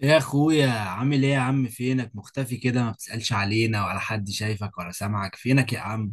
يا اخويا، عامل ايه يا عم؟ فينك مختفي كده؟ ما بتسألش علينا ولا حد شايفك ولا سامعك؟ فينك يا عم؟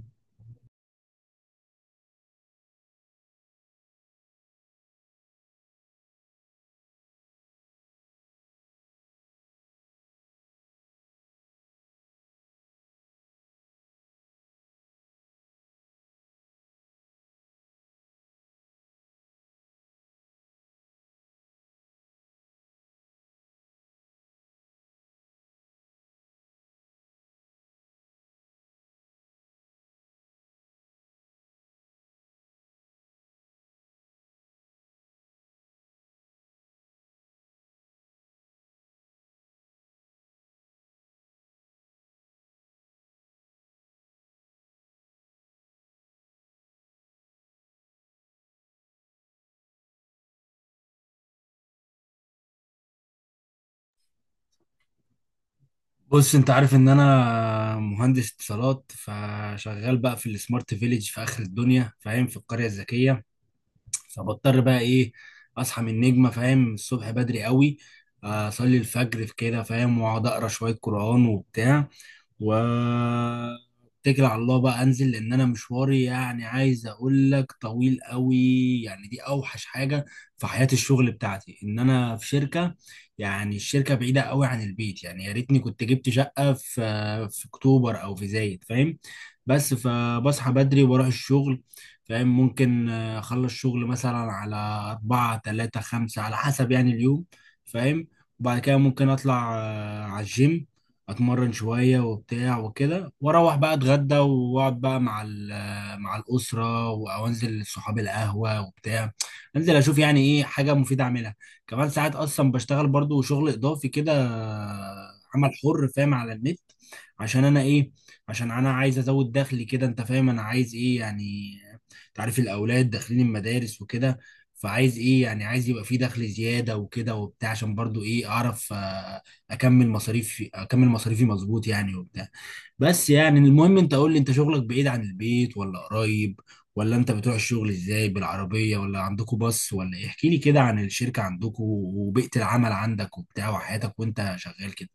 بص، انت عارف ان انا مهندس اتصالات، فشغال بقى في السمارت فيليج في اخر الدنيا، فاهم؟ في القرية الذكية. فبضطر بقى ايه، اصحى من النجمة، فاهم؟ الصبح بدري قوي. اصلي الفجر في كده، فاهم؟ واقعد اقرا شوية قرآن وبتاع، واتكل على الله بقى انزل، لان انا مشواري يعني عايز اقول لك طويل قوي. يعني دي اوحش حاجه في حياه الشغل بتاعتي، ان انا في شركه، يعني الشركه بعيده قوي عن البيت، يعني يا ريتني كنت جبت شقه في اكتوبر او في زايد، فاهم؟ بس فبصحى بدري واروح الشغل، فاهم؟ ممكن اخلص شغل مثلا على أربعة، تلاتة، خمسة، على حسب يعني اليوم، فاهم؟ وبعد كده ممكن اطلع على الجيم، اتمرن شويه وبتاع وكده، واروح بقى اتغدى، واقعد بقى مع مع الاسره، او انزل لصحابي القهوه وبتاع، انزل اشوف يعني ايه حاجه مفيده اعملها. كمان ساعات اصلا بشتغل برضو شغل اضافي كده، عمل حر، فاهم؟ على النت. عشان انا ايه، عشان انا عايز ازود دخلي كده، انت فاهم انا عايز ايه يعني. تعرف الاولاد داخلين المدارس وكده، فعايز ايه يعني، عايز يبقى في دخل زياده وكده وبتاع، عشان برضو ايه، اعرف اكمل مصاريفي، اكمل مصاريفي، مظبوط يعني وبتاع. بس يعني المهم، انت قول لي، انت شغلك بعيد عن البيت ولا قريب؟ ولا انت بتروح الشغل ازاي، بالعربية ولا عندكوا باص ولا ايه؟ احكي لي كده عن الشركة عندكوا وبيئة العمل عندك وبتاع وحياتك وانت شغال كده.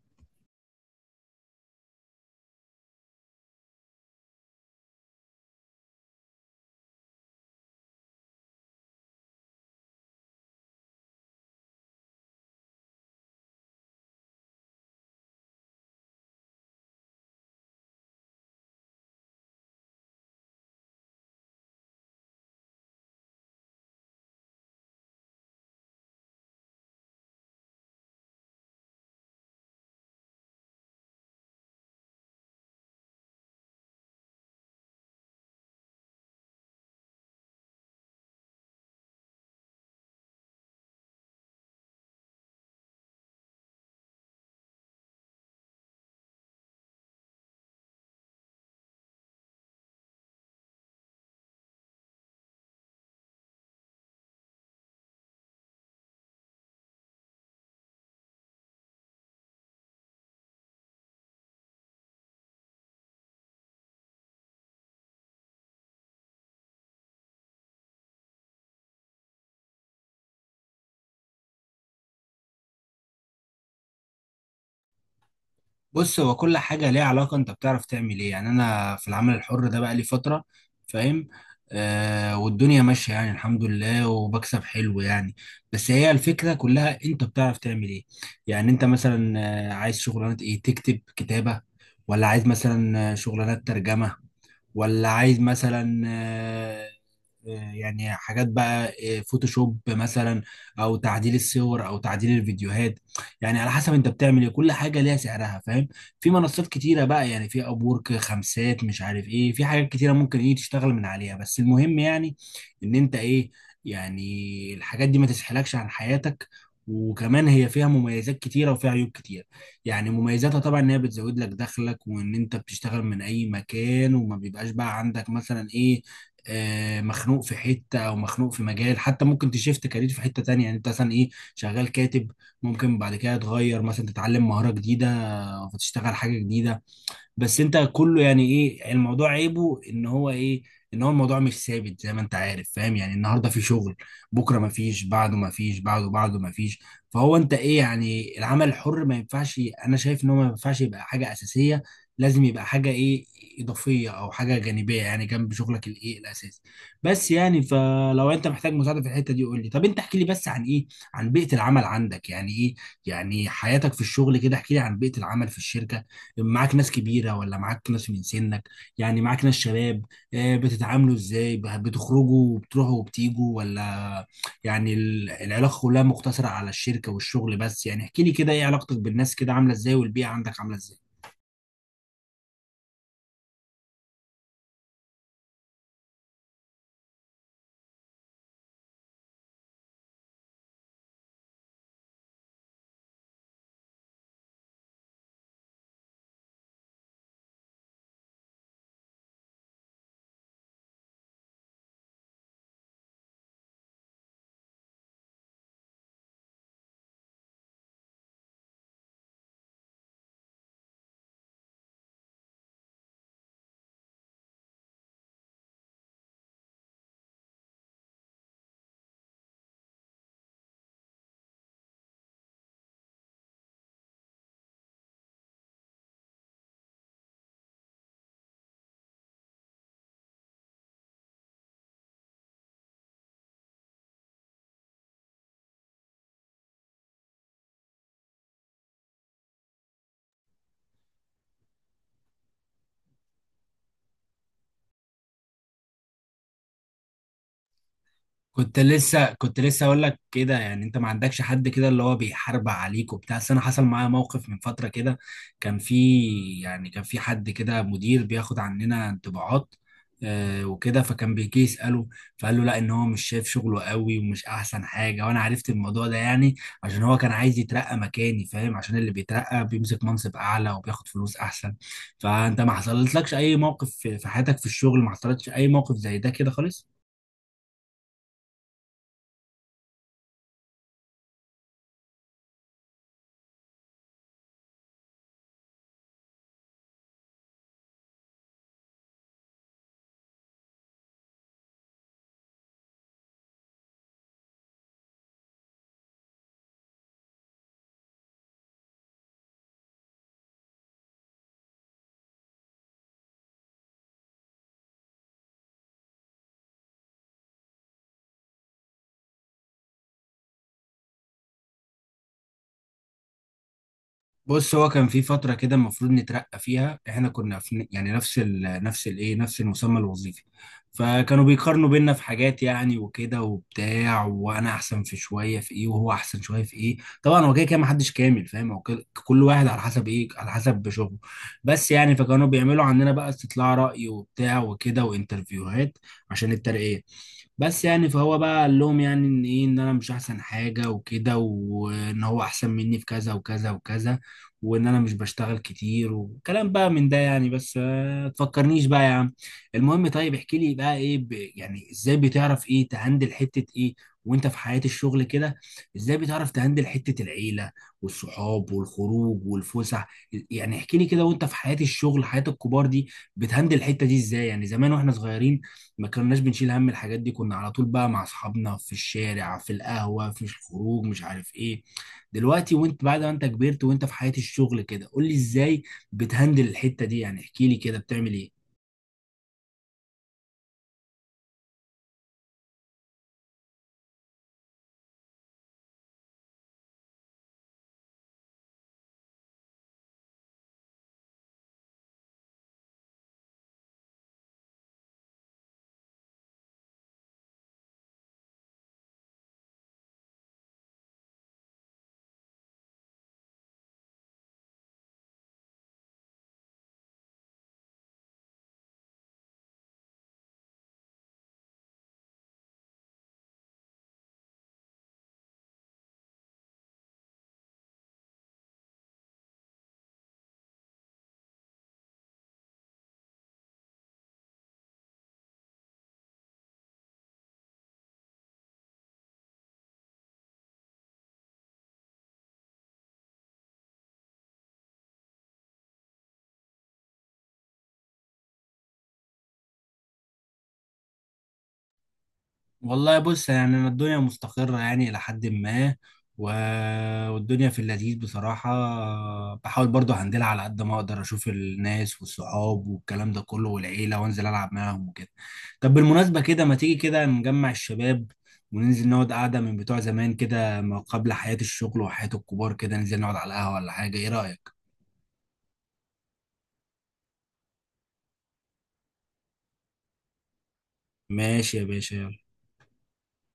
بص، هو كل حاجة ليها علاقة انت بتعرف تعمل ايه. يعني انا في العمل الحر ده بقى لي فترة، فاهم؟ والدنيا ماشية يعني، الحمد لله، وبكسب حلو يعني. بس هي الفكرة كلها، انت بتعرف تعمل ايه. يعني انت مثلا عايز شغلانة ايه، تكتب كتابة، ولا عايز مثلا شغلانات ترجمة، ولا عايز مثلا يعني حاجات بقى، فوتوشوب مثلا، او تعديل الصور، او تعديل الفيديوهات. يعني على حسب انت بتعمل ايه، كل حاجه ليها سعرها، فاهم؟ في منصات كتيره بقى، يعني في ابورك، خمسات، مش عارف ايه، في حاجات كتيره ممكن ايه تشتغل من عليها، بس المهم يعني، ان انت ايه، يعني الحاجات دي ما تسحلكش عن حياتك. وكمان هي فيها مميزات كتيره وفيها عيوب كتيره. يعني مميزاتها طبعا ان هي بتزود لك دخلك، وان انت بتشتغل من اي مكان، وما بيبقاش بقى عندك مثلا ايه، مخنوق في حته او مخنوق في مجال، حتى ممكن تشيفت كارير في حته تانية، يعني انت مثلا ايه، شغال كاتب، ممكن بعد كده تغير مثلا، تتعلم مهاره جديده، فتشتغل حاجه جديده. بس انت كله يعني ايه، الموضوع عيبه ان هو ايه، ان هو الموضوع مش ثابت زي ما انت عارف، فاهم؟ يعني النهارده في شغل، بكره ما فيش، بعده ما فيش، بعده بعده ما فيش. فهو انت ايه، يعني العمل الحر ما ينفعش. انا شايف ان هو ما ينفعش يبقى حاجه اساسيه، لازم يبقى حاجه ايه، اضافيه او حاجه جانبيه، يعني جنب شغلك الايه الاساسي. بس يعني، فلو انت محتاج مساعده في الحته دي قول لي. طب انت احكي لي بس عن ايه، عن بيئه العمل عندك يعني ايه، يعني حياتك في الشغل كده، احكي لي عن بيئه العمل في الشركه، معاك ناس كبيره ولا معاك ناس من سنك؟ يعني معاك ناس شباب؟ بتتعاملوا ازاي، بتخرجوا وبتروحوا وبتيجوا، ولا يعني العلاقه كلها مقتصره على الشركه والشغل بس؟ يعني احكي لي كده، ايه علاقتك بالناس كده، عامله ازاي؟ والبيئه عندك عامله ازاي؟ كنت لسه اقول لك كده، يعني انت ما عندكش حد كده اللي هو بيحارب عليك وبتاع. بس انا حصل معايا موقف من فتره كده، كان في، يعني كان في حد كده مدير بياخد عننا انطباعات، وكده، فكان بيجي يساله، فقال له لا، ان هو مش شايف شغله قوي ومش احسن حاجه. وانا عرفت الموضوع ده يعني، عشان هو كان عايز يترقى مكاني، فاهم؟ عشان اللي بيترقى بيمسك منصب اعلى وبياخد فلوس احسن. فانت ما حصلتلكش اي موقف، في حياتك في الشغل ما حصلتش اي موقف زي ده كده خالص؟ بص، هو كان في فترة كده المفروض نترقى فيها، احنا كنا في يعني نفس ال نفس الايه نفس المسمى الوظيفي، فكانوا بيقارنوا بينا في حاجات يعني وكده وبتاع، وانا احسن في شوية في ايه، وهو احسن شوية في ايه. طبعا هو كده كده محدش كامل، فاهم؟ هو كل واحد على حسب ايه، على حسب شغله. بس يعني، فكانوا بيعملوا عندنا بقى استطلاع رأي وبتاع وكده وانترفيوهات عشان الترقية. بس يعني، فهو بقى قال لهم يعني ان ايه، ان انا مش احسن حاجه وكده، وان هو احسن مني في كذا وكذا وكذا، وان انا مش بشتغل كتير وكلام بقى من ده يعني. بس آه، تفكرنيش بقى يا عم. المهم طيب، احكي لي بقى ايه، يعني ازاي بتعرف ايه تهندل حته ايه وانت في حياه الشغل كده؟ ازاي بتعرف تهندل حته العيله والصحاب والخروج والفسح؟ يعني احكي لي كده، وانت في حياه الشغل، حياه الكبار دي، بتهندل الحته دي ازاي؟ يعني زمان واحنا صغيرين ما كناش بنشيل هم الحاجات دي، كنا على طول بقى مع اصحابنا في الشارع، في القهوة، في الخروج، مش عارف ايه. دلوقتي وانت بعد ما انت كبرت، وانت في حياة الشغل كده، قول لي ازاي بتهندل الحتة دي، يعني احكي لي كده بتعمل ايه. والله بص، يعني أنا الدنيا مستقرة يعني إلى حد ما، و... والدنيا في اللذيذ بصراحة. بحاول برضو هندلها على قد ما أقدر، أشوف الناس والصحاب والكلام ده كله والعيلة، وأنزل ألعب معاهم وكده. طب بالمناسبة كده، ما تيجي كده نجمع الشباب وننزل نقعد قعدة من بتوع زمان كده، ما قبل حياة الشغل وحياة الكبار كده، ننزل نقعد على القهوة ولا حاجة، إيه رأيك؟ ماشي يا باشا.